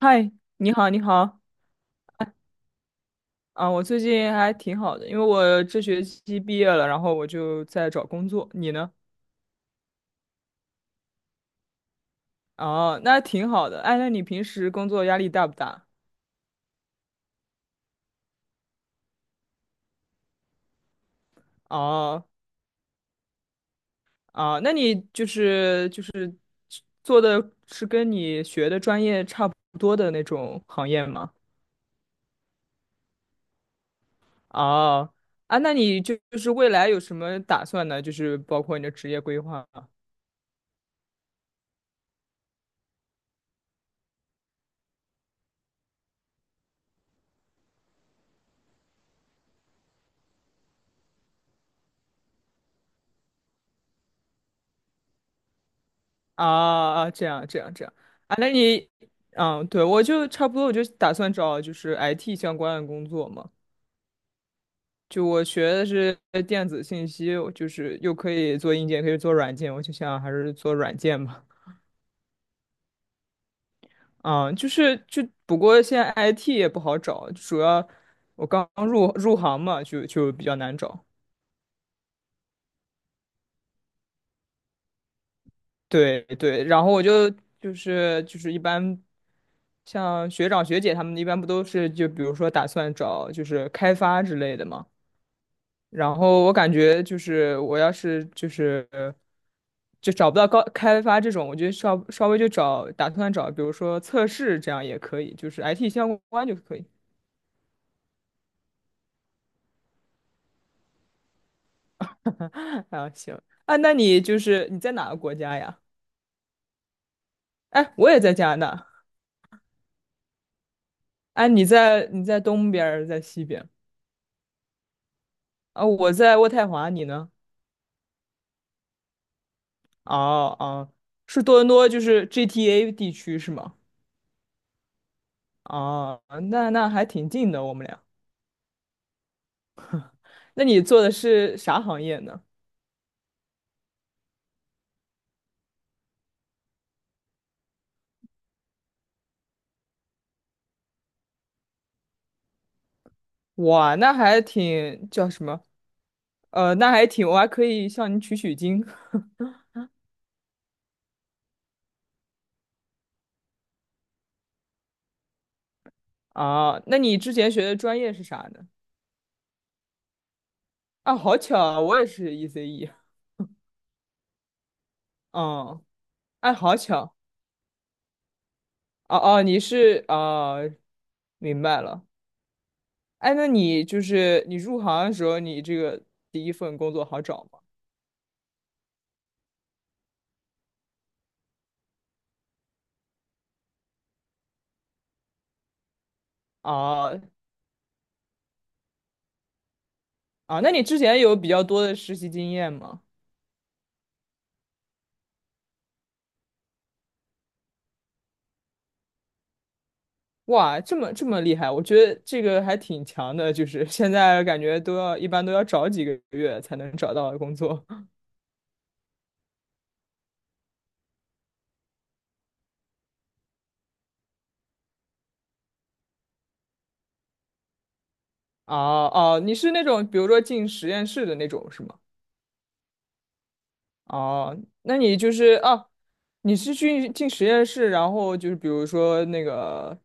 嗨，你好，你好，啊，我最近还挺好的，因为我这学期毕业了，然后我就在找工作。你呢？哦，那挺好的。哎，那你平时工作压力大不大？哦，啊，那你就是做的是跟你学的专业差不多的那种行业吗？哦，啊，那你就是未来有什么打算呢？就是包括你的职业规划啊，啊，这样这样这样啊，嗯，对，我就差不多，我就打算找就是 IT 相关的工作嘛。就我学的是电子信息，我就是又可以做硬件，可以做软件，我就想还是做软件吧。啊，就是就不过现在 IT 也不好找，主要我刚入行嘛，就比较难找。对对，然后我就一般，像学长学姐他们一般不都是就比如说打算找就是开发之类的嘛，然后我感觉就是我要是就找不到高开发这种，我就稍微打算找比如说测试这样也可以，就是 IT 相关就可以。啊，行啊，那你就是你在哪个国家呀？哎，我也在加拿大。哎，你在东边儿，在西边啊？我在渥太华，你呢？哦哦，是多伦多，就是 GTA 地区是吗？哦，那还挺近的，我们俩。那你做的是啥行业呢？哇，那还挺叫什么？那还挺，我还可以向你取取经啊。那你之前学的专业是啥呢？啊，好巧啊，我也是 ECE。嗯，哎，好巧。哦哦，你是啊，明白了。哎，那你就是你入行的时候，你这个第一份工作好找吗？啊，啊，那你之前有比较多的实习经验吗？哇，这么这么厉害，我觉得这个还挺强的，就是 现在感觉一般都要找几个月才能找到工作。哦哦，你是那种比如说进实验室的那种是吗？哦，那你就是啊，你是去进实验室，然后就是比如说那个，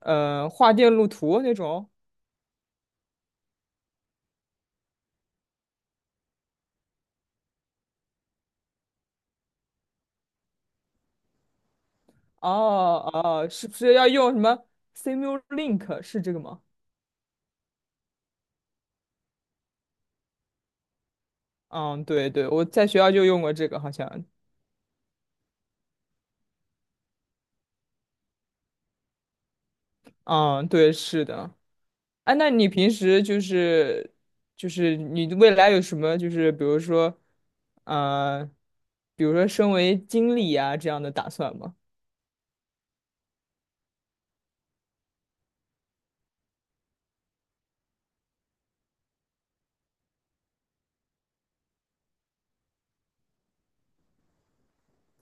画电路图那种。哦哦，是不是要用什么 Simulink 是这个吗？嗯，对对，我在学校就用过这个，好像。嗯，对，是的。哎、那你平时就是你未来有什么就是比如说，呃，比如说身为经理啊这样的打算吗？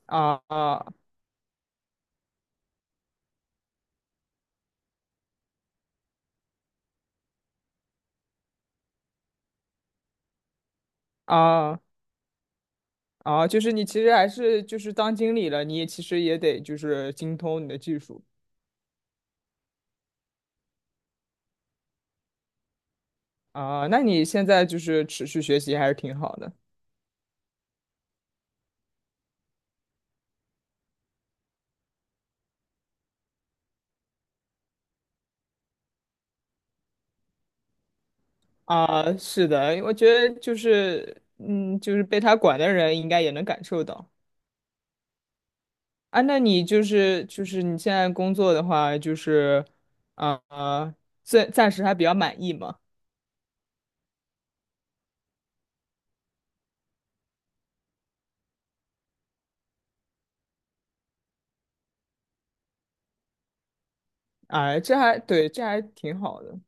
啊啊啊啊！就是你其实还是就是当经理了，你也其实也得就是精通你的技术啊。那你现在就是持续学习还是挺好的啊。是的，我觉得就是就是被他管的人应该也能感受到。啊，那你就是你现在工作的话，就是啊、暂时还比较满意嘛？啊，这还对，这还挺好的。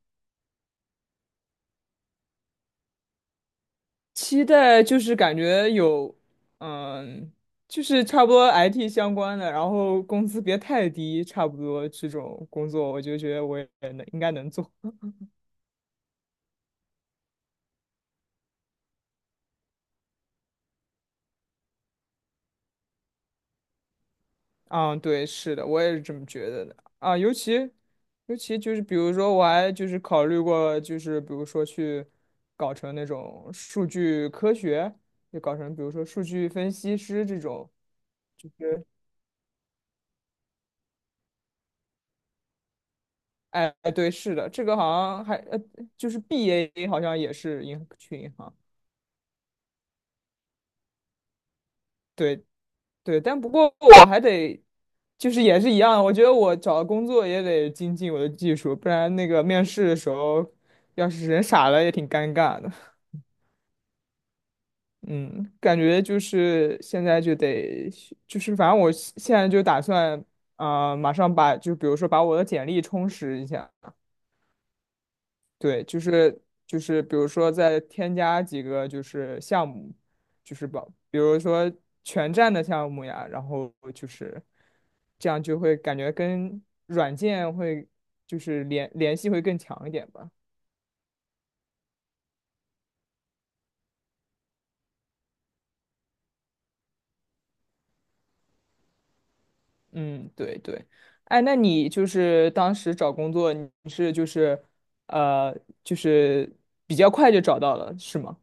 期待就是感觉有，嗯，就是差不多 IT 相关的，然后工资别太低，差不多这种工作，我就觉得我也能应该能做。嗯，对，是的，我也是这么觉得的啊。尤其就是比如说，我还就是考虑过，就是比如说去搞成那种数据科学，就搞成比如说数据分析师这种，就是哎，对，是的，这个好像还就是 BA 好像也是去银行，对对，但不过我还得就是也是一样，我觉得我找工作也得精进我的技术，不然那个面试的时候。要是人傻了也挺尴尬的。嗯，感觉就是现在就得，就是反正我现在就打算，啊、马上比如说把我的简历充实一下，对，就是比如说再添加几个就是项目，就是把比如说全站的项目呀，然后就是这样就会感觉跟软件会就是联系会更强一点吧。嗯，对对，哎，那你就是当时找工作，你是就是呃，就是比较快就找到了，是吗？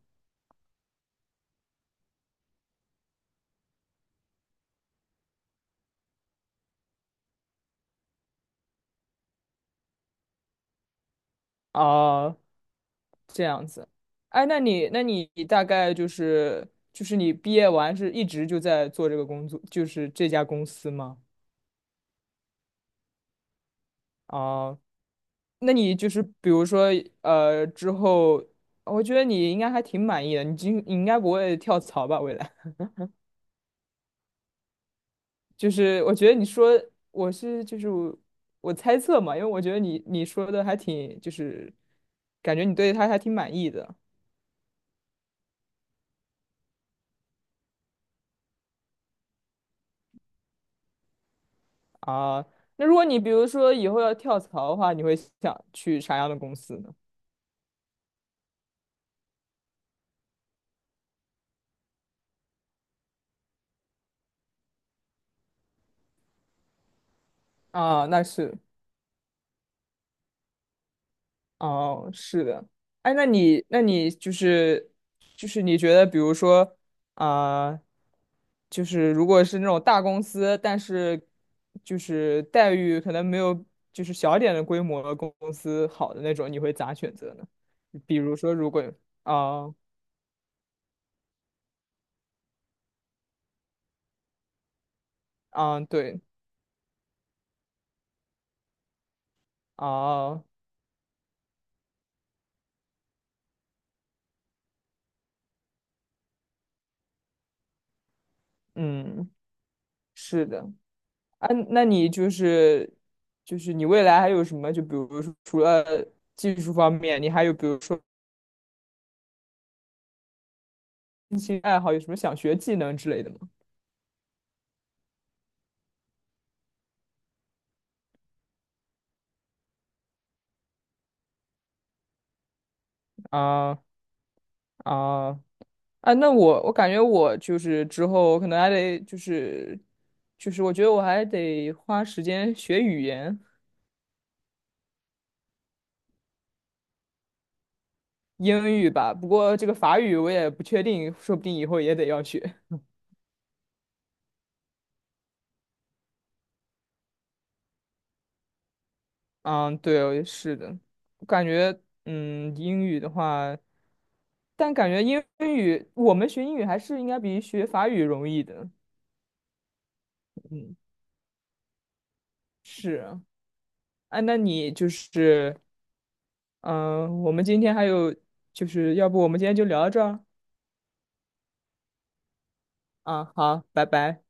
哦，这样子，哎，那你大概就是你毕业完是一直就在做这个工作，就是这家公司吗？哦，那你就是比如说之后，我觉得你应该还挺满意的，你应该不会跳槽吧？未来？就是我觉得你说我是就是我猜测嘛，因为我觉得你说的还挺就是感觉你对他还挺满意的啊。那如果你比如说以后要跳槽的话，你会想去啥样的公司呢？啊，那是。哦，是的，哎，那你就是你觉得，比如说，啊、就是如果是那种大公司，但是就是待遇可能没有就是小一点的规模的公司好的那种，你会咋选择呢？比如说，如果啊啊、对啊、嗯，是的，啊，那你就是你未来还有什么？就比如说，除了技术方面，你还有比如说。兴趣爱好有什么想学技能之类的吗？啊啊，啊，那我感觉我就是之后可能还得就是我觉得我还得花时间学语言，英语吧。不过这个法语我也不确定，说不定以后也得要学。嗯，对，是的，我感觉英语的话，但感觉英语我们学英语还是应该比学法语容易的。嗯，是啊。哎，那你就是嗯，我们今天还有，就是要不我们今天就聊到这儿啊？好，拜拜。